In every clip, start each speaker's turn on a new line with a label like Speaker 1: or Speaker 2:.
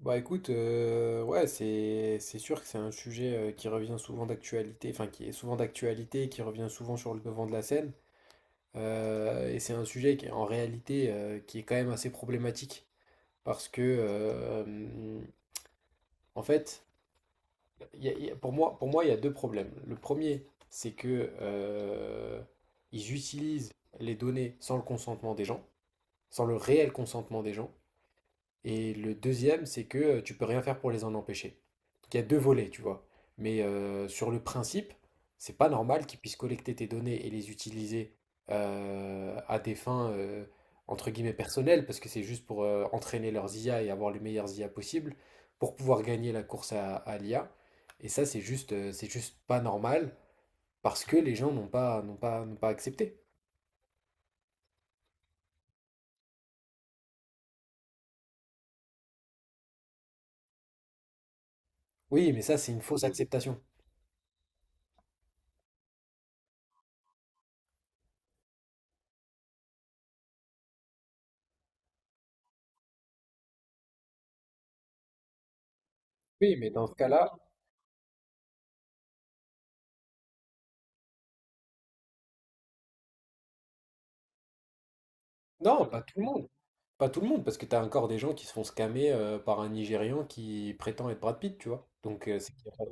Speaker 1: Bah écoute, ouais, c'est sûr que c'est un sujet qui revient souvent d'actualité, enfin qui est souvent d'actualité, qui revient souvent sur le devant de la scène. Et c'est un sujet qui est en réalité qui est quand même assez problématique parce que en fait, pour moi, il y a deux problèmes. Le premier, c'est que ils utilisent les données sans le consentement des gens, sans le réel consentement des gens. Et le deuxième, c'est que tu peux rien faire pour les en empêcher. Donc il y a deux volets, tu vois. Sur le principe, c'est pas normal qu'ils puissent collecter tes données et les utiliser à des fins entre guillemets personnelles, parce que c'est juste pour entraîner leurs IA et avoir les meilleures IA possibles pour pouvoir gagner la course à l'IA. Et ça, c'est juste pas normal parce que les gens n'ont pas accepté. Oui, mais ça, c'est une fausse acceptation. Oui, mais dans ce cas-là, non, pas tout le monde. Pas tout le monde, parce que t'as encore des gens qui se font scammer par un Nigérian qui prétend être Brad Pitt, tu vois. Donc, c'est qu'il y a pas-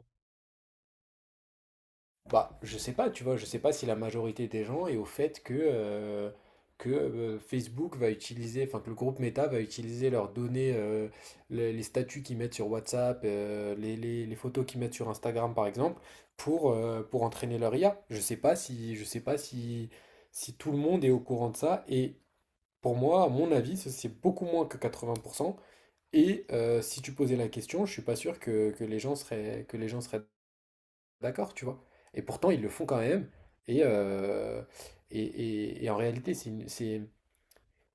Speaker 1: bah, je sais pas, tu vois, je sais pas si la majorité des gens est au fait que Facebook va utiliser, enfin que le groupe Meta va utiliser leurs données, les statuts qu'ils mettent sur WhatsApp, les photos qu'ils mettent sur Instagram, par exemple, pour entraîner leur IA. Je sais pas si, je sais pas si, Si tout le monde est au courant de ça, et pour moi, à mon avis, c'est beaucoup moins que 80% et si tu posais la question, je suis pas sûr que les gens seraient d'accord, tu vois. Et pourtant, ils le font quand même. Et, euh, et en réalité, c'est, une- c'est...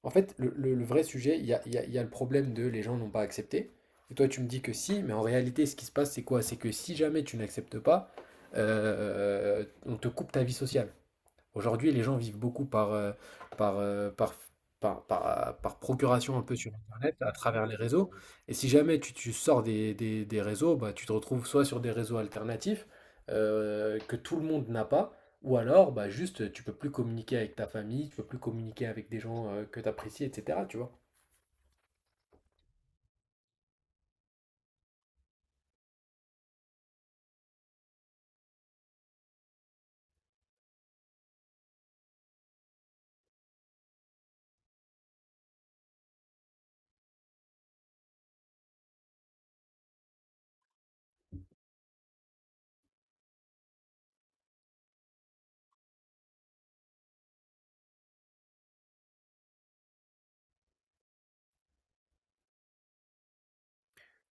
Speaker 1: En fait, le vrai sujet, il y a le problème de les gens n'ont pas accepté. Et toi, tu me dis que si, mais en réalité, ce qui se passe, c'est quoi? C'est que si jamais tu n'acceptes pas, on te coupe ta vie sociale. Aujourd'hui, les gens vivent beaucoup par, euh, par, par procuration un peu sur Internet, à travers les réseaux. Et si jamais tu sors des réseaux, bah, tu te retrouves soit sur des réseaux alternatifs que tout le monde n'a pas, ou alors bah, juste tu peux plus communiquer avec ta famille, tu peux plus communiquer avec des gens que tu apprécies, etc. Tu vois.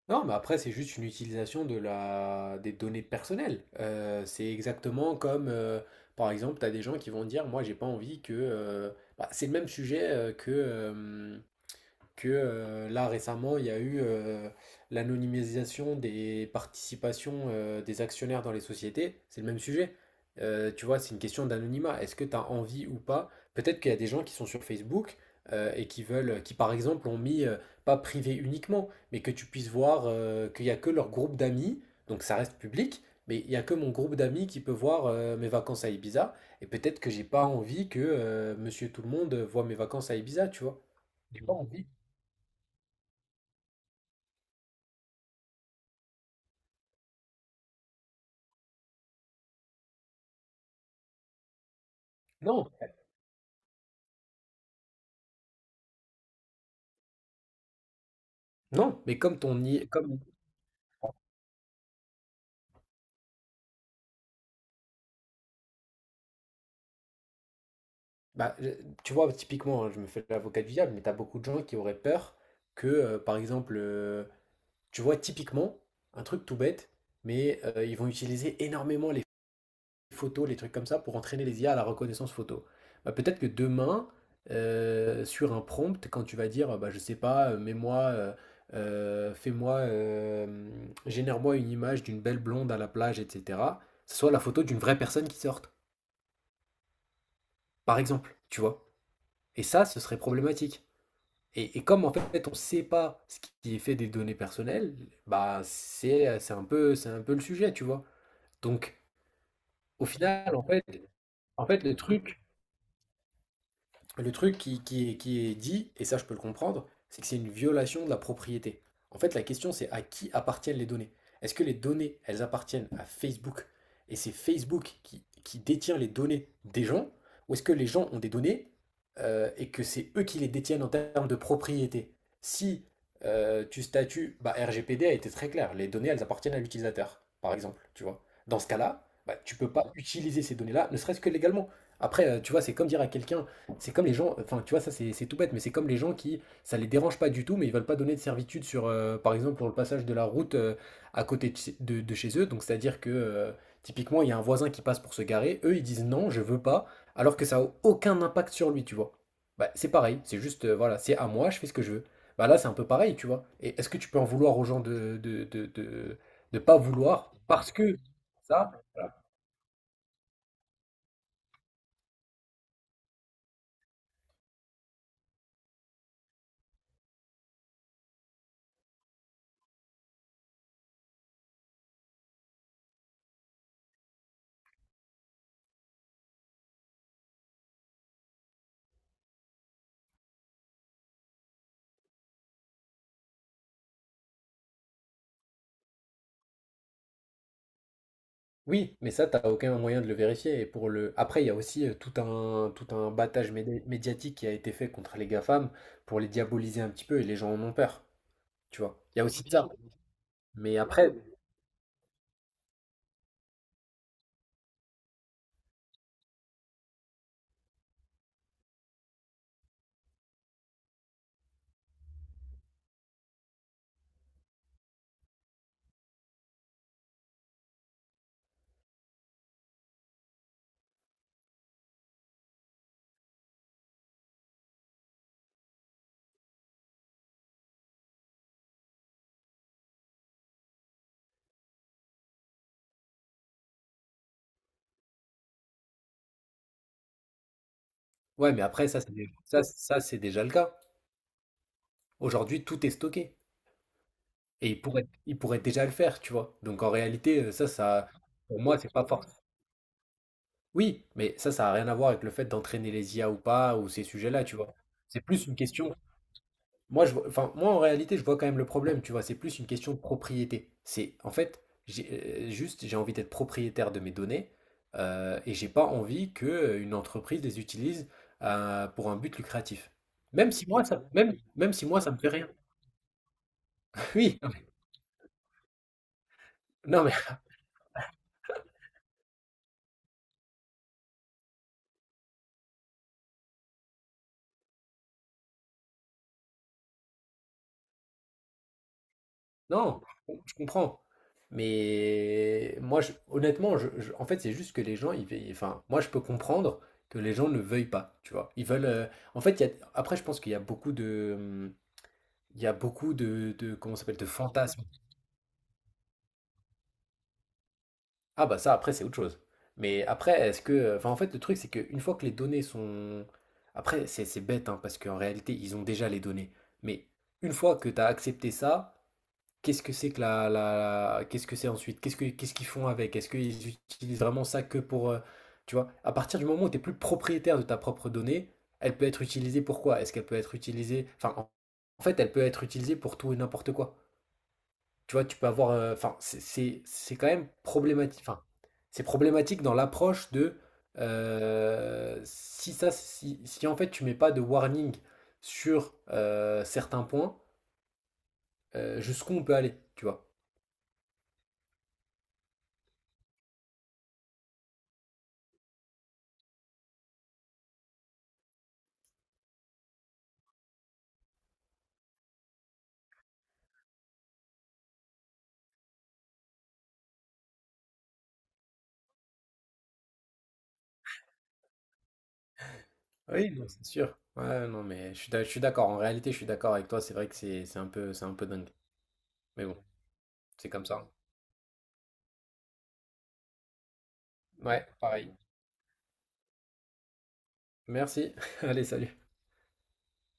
Speaker 1: Non, mais après, c'est juste une utilisation de la... des données personnelles. C'est exactement comme, par exemple, tu as des gens qui vont dire, moi, j'ai pas envie que... bah, c'est le même sujet que là récemment, il y a eu l'anonymisation des participations des actionnaires dans les sociétés. C'est le même sujet. Tu vois, c'est une question d'anonymat. Est-ce que tu as envie ou pas? Peut-être qu'il y a des gens qui sont sur Facebook et qui veulent, qui par exemple ont mis, pas privé uniquement, mais que tu puisses voir qu'il n'y a que leur groupe d'amis, donc ça reste public, mais il n'y a que mon groupe d'amis qui peut voir mes vacances à Ibiza. Et peut-être que j'ai pas envie que Monsieur Tout le Monde voit mes vacances à Ibiza, tu vois. J'ai pas envie. Non, non, mais comme bah, tu vois, typiquement, hein, je me fais l'avocat du diable, mais t'as beaucoup de gens qui auraient peur par exemple, tu vois, typiquement, un truc tout bête, mais ils vont utiliser énormément les photos, les trucs comme ça, pour entraîner les IA à la reconnaissance photo. Bah, peut-être que demain, sur un prompt, quand tu vas dire, bah, je sais pas, euh, fais-moi, euh, génère-moi une image d'une belle blonde à la plage, etc., ce soit la photo d'une vraie personne qui sorte, par exemple, tu vois. Et ça, ce serait problématique. Et comme en fait, on ne sait pas ce qui est fait des données personnelles, bah c'est un peu le sujet, tu vois. Donc au final, en fait le truc Le truc qui est dit, et ça je peux le comprendre, c'est que c'est une violation de la propriété. En fait, la question c'est à qui appartiennent les données. Est-ce que les données, elles appartiennent à Facebook et c'est Facebook qui détient les données des gens, ou est-ce que les gens ont des données et que c'est eux qui les détiennent en termes de propriété? Si tu statues, bah, RGPD a été très clair, les données, elles appartiennent à l'utilisateur, par exemple, tu vois. Dans ce cas-là, bah, tu peux pas utiliser ces données-là, ne serait-ce que légalement. Après, tu vois, c'est comme dire à quelqu'un, c'est comme les gens, enfin tu vois, ça c'est tout bête, mais c'est comme les gens qui, ça les dérange pas du tout, mais ils veulent pas donner de servitude sur, par exemple, pour le passage de la route à côté de, de chez eux. Donc c'est-à-dire que typiquement, il y a un voisin qui passe pour se garer, eux ils disent non, je veux pas, alors que ça a aucun impact sur lui, tu vois. Bah, c'est pareil, c'est juste, voilà, c'est à moi, je fais ce que je veux. Bah là, c'est un peu pareil, tu vois. Et est-ce que tu peux en vouloir aux gens de pas vouloir parce que ça. Oui, mais ça, t'as aucun moyen de le vérifier. Et pour le... Après, il y a aussi tout un, médiatique qui a été fait contre les GAFAM pour les diaboliser un petit peu et les gens en ont peur. Tu vois. Il y a aussi de ça. Mais après, ouais, mais après, ça, c'est déjà le cas. Aujourd'hui, tout est stocké. Et ils pourraient déjà le faire, tu vois. Donc en réalité, pour moi, c'est pas fort. Oui, mais ça a rien à voir avec le fait d'entraîner les IA ou pas, ou ces sujets-là, tu vois. C'est plus une question. Enfin, moi, en réalité, je vois quand même le problème, tu vois, c'est plus une question de propriété. C'est, en fait, j'ai envie d'être propriétaire de mes données et j'ai pas envie que une entreprise les utilise pour un but lucratif. Même si moi, ça me fait rien. Oui, non, mais non, je comprends. Mais moi, honnêtement, en fait, c'est juste que les gens, enfin, moi, je peux comprendre que les gens ne veuillent pas, tu vois. Ils veulent, en fait, après, je pense qu'il y a beaucoup de, Il y a beaucoup de comment ça s'appelle, de fantasmes. Ah bah ça, après, c'est autre chose. Mais après, est-ce que... Enfin, en fait, le truc, c'est qu'une fois que les données sont... Après, c'est bête, hein, parce qu'en réalité, ils ont déjà les données. Mais une fois que tu as accepté ça, qu'est-ce que c'est que Qu'est-ce que c'est ensuite? Qu'est-ce qu'ils font avec? Est-ce qu'ils utilisent vraiment ça que pour... Tu vois, à partir du moment où tu n'es plus propriétaire de ta propre donnée, elle peut être utilisée pour quoi? Est-ce qu'elle peut être utilisée... En fait, elle peut être utilisée pour tout et n'importe quoi. Tu vois, tu peux avoir. Enfin, c'est quand même problématique. Enfin, c'est problématique dans l'approche de si si en fait tu mets pas de warning sur certains points, jusqu'où on peut aller, tu vois. Oui, non, c'est sûr. Ouais, non, mais je suis d'accord. En réalité, je suis d'accord avec toi. C'est vrai que c'est un peu dingue. Mais bon, c'est comme ça. Ouais, pareil. Merci. Allez, salut.